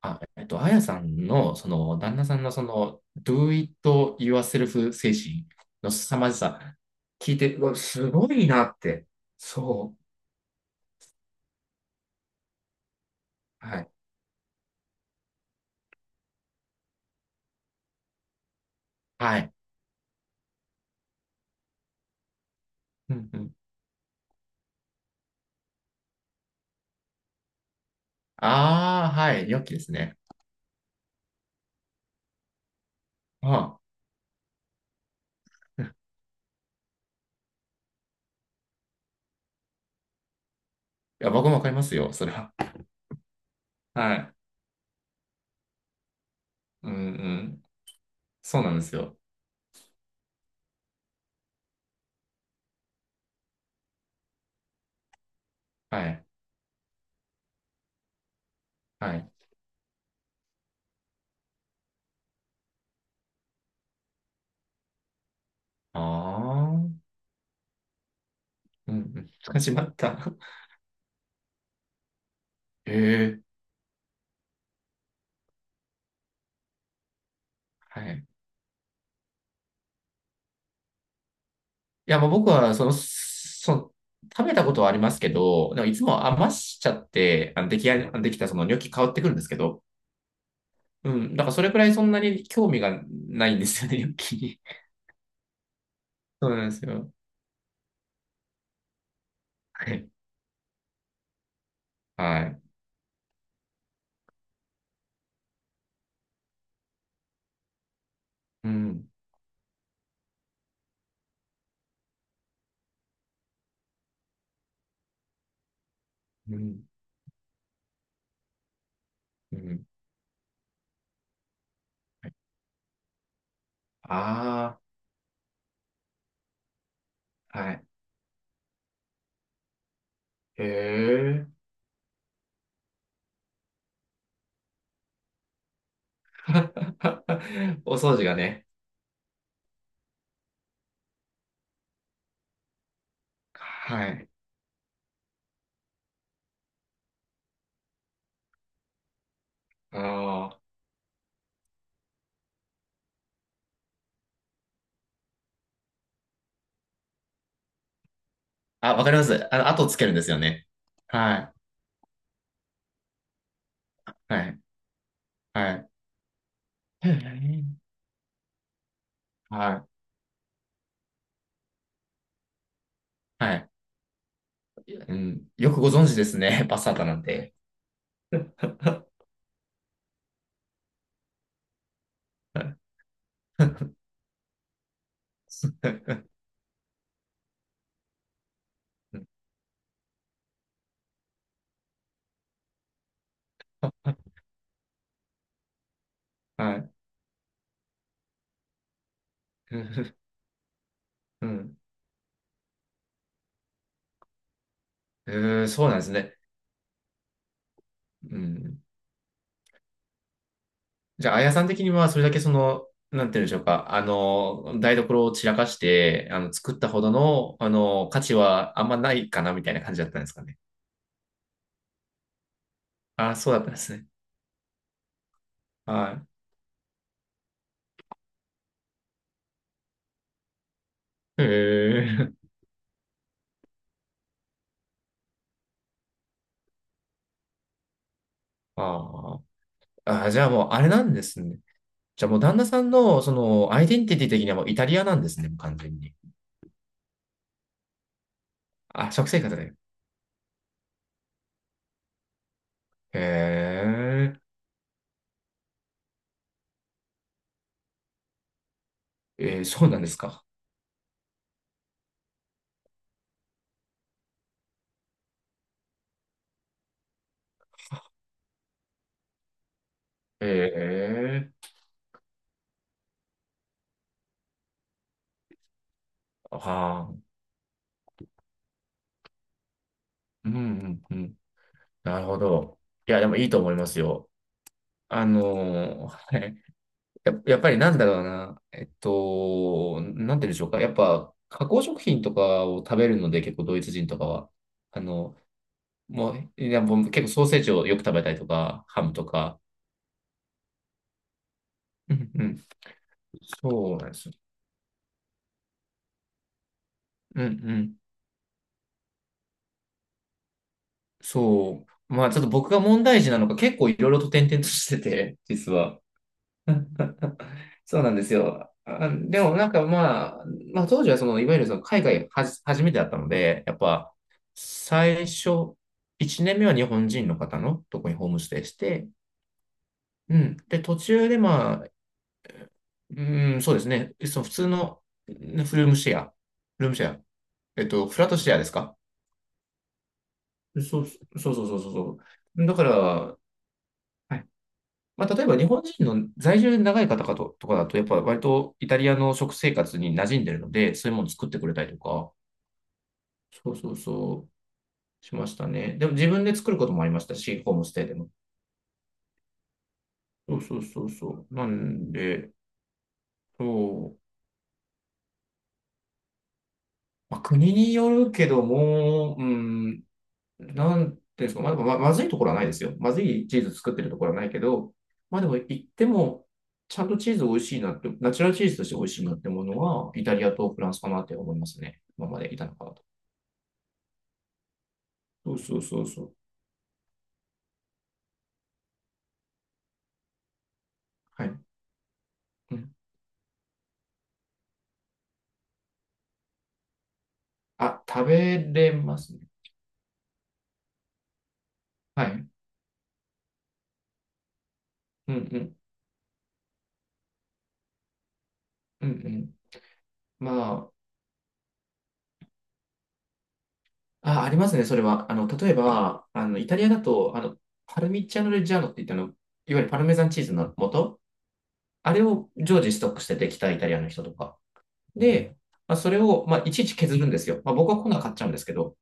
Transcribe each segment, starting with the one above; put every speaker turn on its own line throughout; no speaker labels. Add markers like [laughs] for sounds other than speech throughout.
あやさんの、旦那さんの、do it yourself 精神の凄まじさ、聞いて、うわ、すごいなって。そう。はい。はい。うんうん。ああ、はい。良きですね。ああ。いや、僕もわかりますよ、それは。はい。うんうん。そうなんですよ。はい。はい。ああ。うんうん。始まった。[laughs] ええ。はい。いや、もう僕は、その、食べたことはありますけど、でもいつも余しちゃって、出来合できたそのニョッキ変わってくるんですけど、うん、だからそれくらいそんなに興味がないんですよね、[laughs] ニョッキに。[laughs] そうなんですよ。はい。はい。うん、うん、うん。ああ、はい。へえ。[laughs] お掃除がね。はい。あーわかります。後つけるんですよね。はい。はい。はい。へえ。はい。はい。うん、よくご存知ですね、[laughs] パスタータなんて。[laughs] はい。うん、そうなんですね。うん。じゃあ、あやさん的には、それだけなんて言うんでしょうか、台所を散らかして、作ったほどの、価値はあんまないかな、みたいな感じだったんですかね。ああ、そうだったんですね。はい。へえ。あーじゃあもう、あれなんですね。じゃあもう、旦那さんの、アイデンティティ的にはもう、イタリアなんですね、完全に。あ、食生活だよ。ええ、そうなんですか。ええ、ああ、うんうんうん。なるほど。いや、でもいいと思いますよ。はい、やっぱりなんだろうな。なんて言うんでしょうか。やっぱ、加工食品とかを食べるので、結構ドイツ人とかは。あの、いや、もう結構ソーセージをよく食べたりとか、ハムとか。うんうん。そうなんですよ。うんうん。そう。まあ、ちょっと僕が問題児なのか、結構いろいろと転々としてて、実は。[laughs] そうなんですよ。あ、でもなんかまあ、当時はいわゆるその海外初めてだったので、やっぱ最初、1年目は日本人の方のとこにホームステイして、うん。で、途中でまあ、うん、そうですね。その普通のうんルームシェア、ルームシェア、フラットシェアですか？そう、そうそうそうそうそう。だから、はいまあ、例えば日本人の在住で長い方かと、とかだと、やっぱ割とイタリアの食生活に馴染んでるので、そういうもの作ってくれたりとか、そうそうそう、しましたね。でも自分で作ることもありましたし、ホームステイでも。そうそうそうそう。なんで、そう。まあ、国によるけども、うん、なんていうんですか、まあ、でもまずいところはないですよ。まずいチーズ作ってるところはないけど、まあでも言っても、ちゃんとチーズ美味しいなって、ナチュラルチーズとして美味しいなってものは、イタリアとフランスかなって思いますね。今までいたのかなと。そうそうそうそう。はい。うん。あ、食べれますね。はい。うんうん。うんうん。まあ、ありますね、それは。例えば、イタリアだと、パルミチャーノ・レッジャーノって言ったの、いわゆるパルメザンチーズの素、あれを常時ストックしててきたイタリアの人とか。で、まあ、それを、まあ、いちいち削るんですよ。まあ、僕はこんなは買っちゃうんですけど、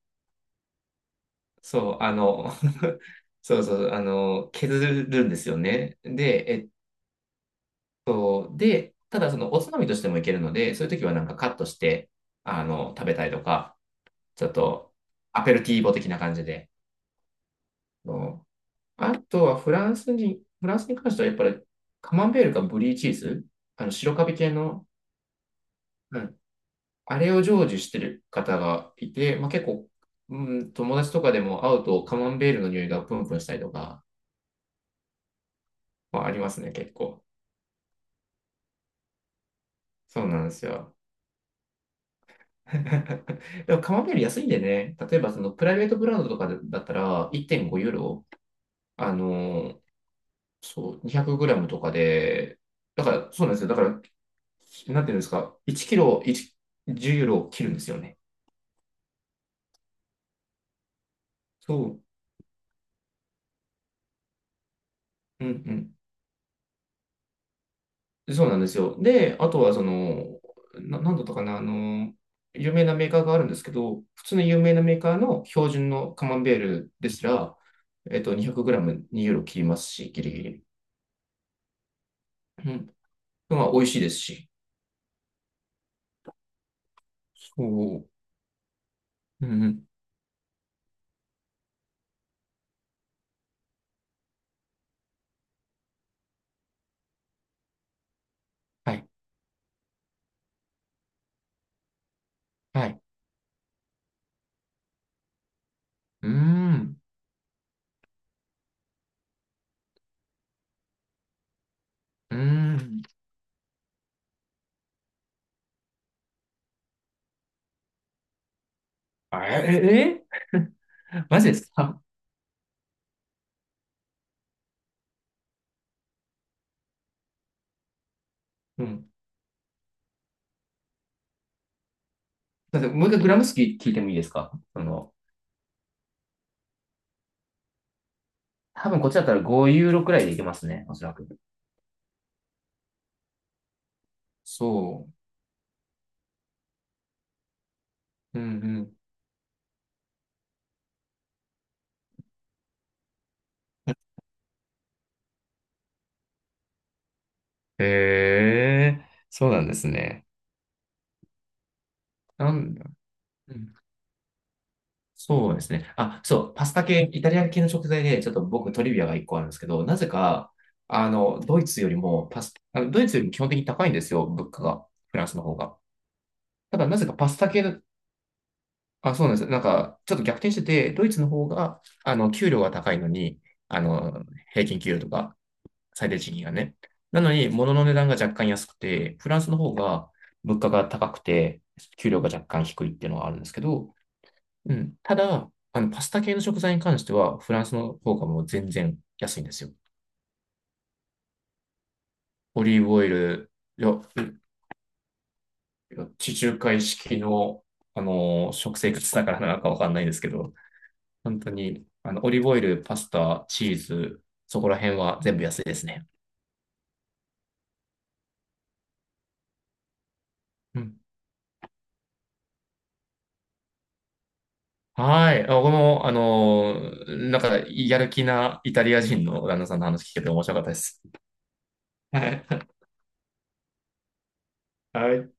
そう、[laughs] そうそう、削るんですよね。で、ただそのおつまみとしてもいけるので、そういう時はなんかカットして、食べたりとか、ちょっとアペルティーボ的な感じで。うん。あとはフランスに関してはやっぱりカマンベールかブリーチーズ、白カビ系の、うんあれを成就してる方がいて、まあ、結構、うん、友達とかでも会うとカマンベールの匂いがプンプンしたりとか、まあ、ありますね、結構。そうなんですよ。[laughs] でもカマンベール安いんでね、例えばそのプライベートブランドとかだったら1.5ユーロ、あのーそう、200グラムとかで、だから、そうなんですよ。だから、なんていうんですか、1キロ、1、10ユーロを切るんですよね。そう。うんうん。そうなんですよ。で、あとはなんだったかな、有名なメーカーがあるんですけど、普通の有名なメーカーの標準のカマンベールですら、200g 2 ユーロ切りますし、ギリギリ。うん。まあ、美味しいですし。そう。うん。うん。はい。はい。うーん。うーん。あえ、[laughs] マジですか？うん。だってもう一回グラム数聞いてもいいですか？多分こっちだったら5ユーロくらいでいけますね、おそらく。そう。うん。へえ、そうなんですね。なんだ、うん、そうですね。あ、そう、パスタ系、イタリア系の食材で、ちょっと僕トリビアが一個あるんですけど、なぜか、ドイツよりも基本的に高いんですよ、物価が、フランスの方が。ただ、なぜかパスタ系の、あ、そうなんです。なんか、ちょっと逆転してて、ドイツの方が、給料が高いのに、あの、平均給料とか、最低賃金がね。なのに、物の値段が若干安くて、フランスの方が物価が高くて、給料が若干低いっていうのはあるんですけど、うん。ただ、パスタ系の食材に関しては、フランスの方がもう全然安いんですよ。オリーブオイル、よ、地中海式の、食生活だからなのかわかんないですけど、本当に、オリーブオイル、パスタ、チーズ、そこら辺は全部安いですね。うん。はい。あ、僕も、なんか、やる気なイタリア人の旦那さんの話聞けて面白かったです。はい。はい。